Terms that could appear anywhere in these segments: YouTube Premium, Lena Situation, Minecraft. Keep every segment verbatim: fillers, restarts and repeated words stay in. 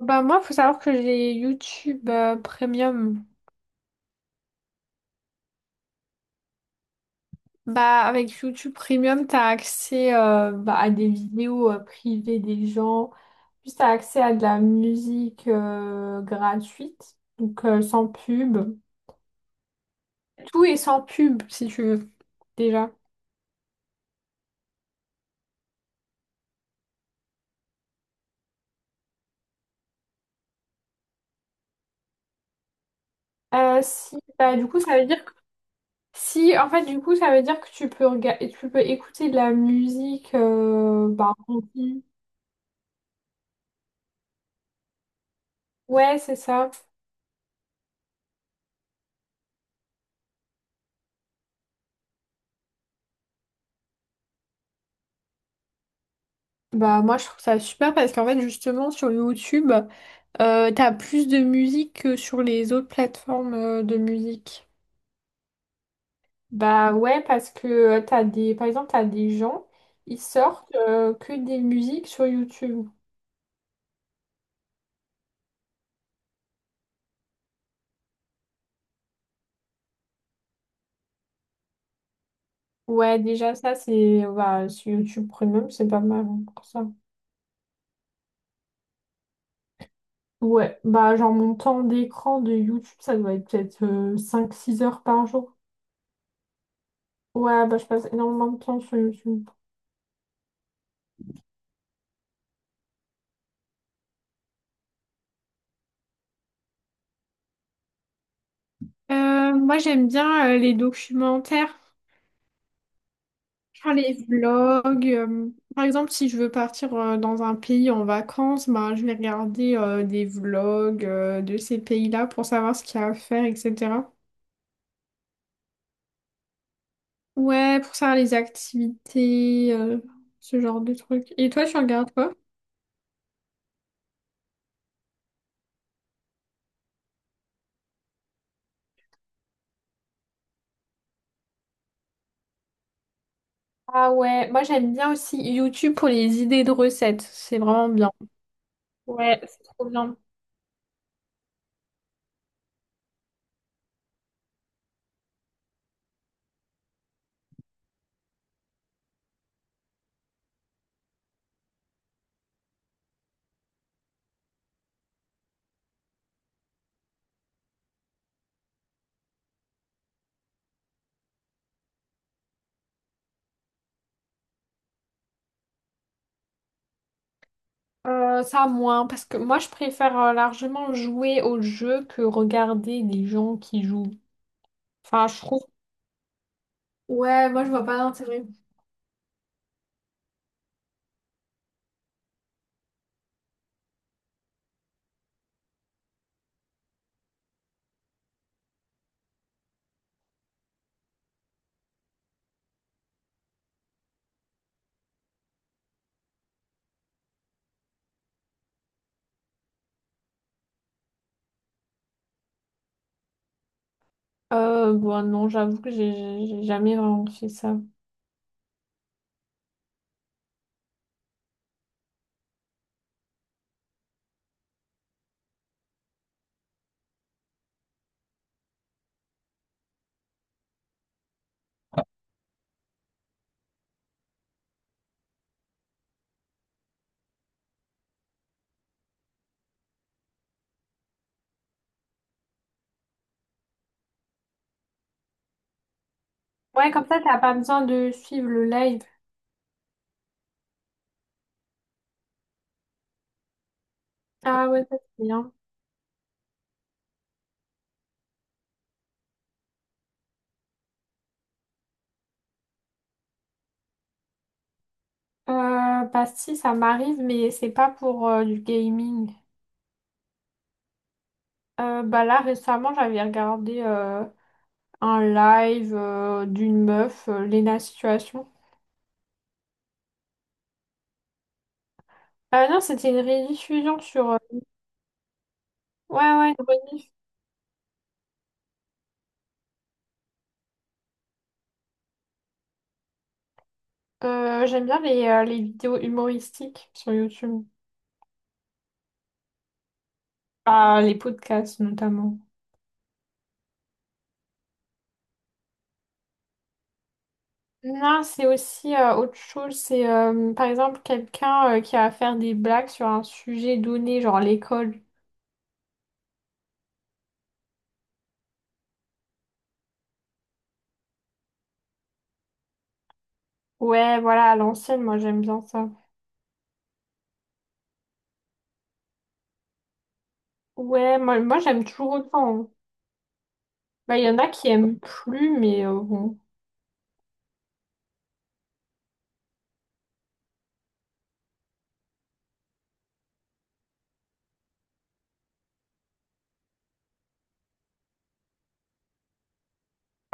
Bah moi, faut savoir que j'ai YouTube euh, Premium. Bah avec YouTube Premium, t'as accès euh, bah, à des vidéos euh, privées des gens. Puis t'as accès à de la musique euh, gratuite, donc euh, sans pub. Tout est sans pub si tu veux déjà. Euh, si bah du coup ça veut dire que si en fait du coup ça veut dire que tu peux rega- tu peux écouter de la musique euh, bah en continu. Ouais c'est ça. Bah moi je trouve ça super parce qu'en fait justement sur YouTube euh, t'as plus de musique que sur les autres plateformes euh, de musique. Bah ouais parce que euh, t'as des par exemple t'as des gens ils sortent euh, que des musiques sur YouTube. Ouais déjà ça c'est bah sur YouTube Premium c'est pas mal hein, pour ça. Ouais bah genre mon temps d'écran de YouTube ça doit être peut-être euh, cinq six heures par jour. Ouais bah je passe énormément de temps sur YouTube. Euh, moi j'aime bien euh, les documentaires. Genre les vlogs. Euh, par exemple, si je veux partir euh, dans un pays en vacances, bah, je vais regarder euh, des vlogs euh, de ces pays-là pour savoir ce qu'il y a à faire, et cætera. Ouais, pour savoir les activités, euh, ce genre de trucs. Et toi, tu regardes quoi? Ah ouais, moi j'aime bien aussi YouTube pour les idées de recettes. C'est vraiment bien. Ouais, c'est trop bien. Euh, ça moins, parce que moi je préfère euh, largement jouer au jeu que regarder des gens qui jouent. Enfin, je trouve Ouais, moi je vois pas d'intérêt. Euh, bon, non, j'avoue que j'ai j'ai- j'ai jamais vraiment fait ça. Ouais, comme ça, t'as pas besoin de suivre le live. Ah ouais, ça c'est bien. Euh, bah si, ça m'arrive, mais c'est pas pour euh, du gaming. Euh, bah là, récemment, j'avais regardé euh, un live euh, d'une meuf, euh, Lena Situation. Ah non, c'était une rediffusion sur... euh, Ouais, ouais, une rediff. Euh, j'aime bien les, euh, les vidéos humoristiques sur YouTube. Ah, les podcasts notamment. Non, c'est aussi euh, autre chose. C'est euh, par exemple quelqu'un euh, qui a à faire des blagues sur un sujet donné, genre l'école. Ouais, voilà, à l'ancienne, moi j'aime bien ça. Ouais, moi, moi j'aime toujours autant. Hein. Bah, il y en a qui aiment plus, mais euh, bon.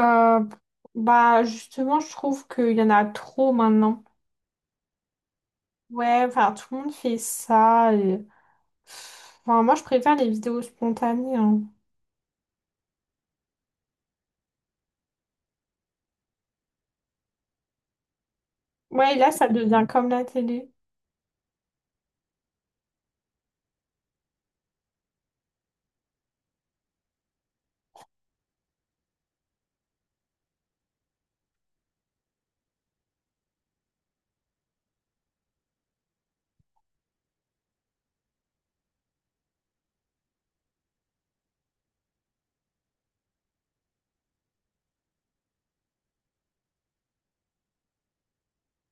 Euh, Bah, justement, je trouve qu'il y en a trop maintenant. Ouais, enfin, tout le monde fait ça. Et- Enfin, moi, je préfère les vidéos spontanées. Hein. Ouais, et là, ça devient comme la télé.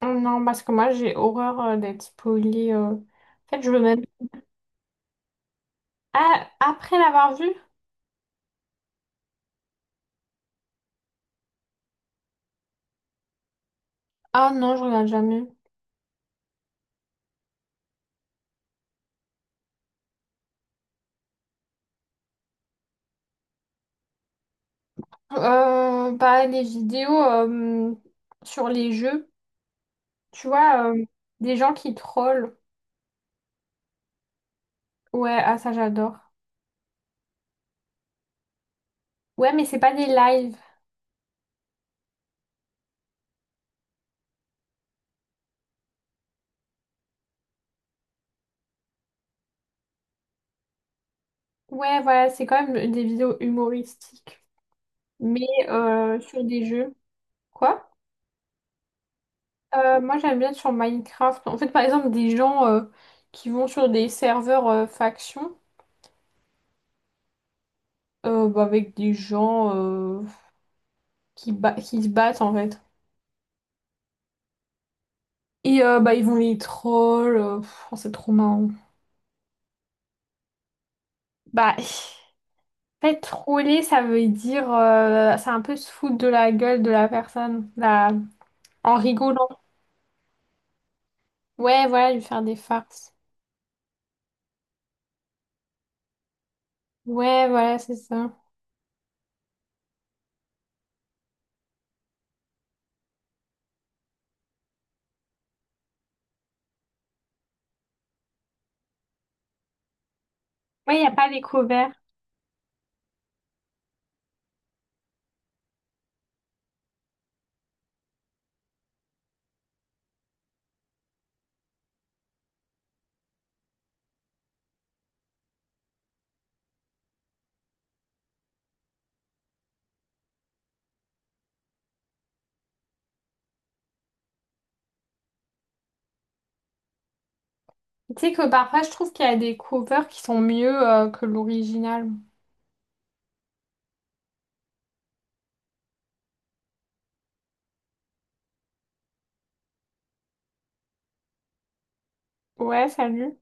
Non, parce que moi j'ai horreur euh, d'être spoilée. euh. En fait, je veux même. Ah, après l'avoir vu? Ah non, je regarde jamais. Euh, bah, les vidéos euh, sur les jeux, tu vois, euh, des gens qui trollent. Ouais, ah ça j'adore. Ouais, mais c'est pas des lives. Ouais, voilà, c'est quand même des vidéos humoristiques. Mais euh, sur des jeux. Quoi? Euh, moi j'aime bien être sur Minecraft. En fait, par exemple, des gens euh, qui vont sur des serveurs factions. Euh, bah, avec des gens euh, qui, ba- qui se battent en fait. Et euh, bah, ils vont les trolls. euh, pff, oh, c'est trop marrant. Bah, en fait, troller, ça veut dire. euh, c'est un peu se foutre de la gueule de la personne là, en rigolant. Ouais, voilà, lui faire des farces. Ouais, voilà, c'est ça. Ouais, il n'y a pas les covers. Tu sais que parfois, je trouve qu'il y a des covers qui sont mieux euh, que l'original. Ouais, salut.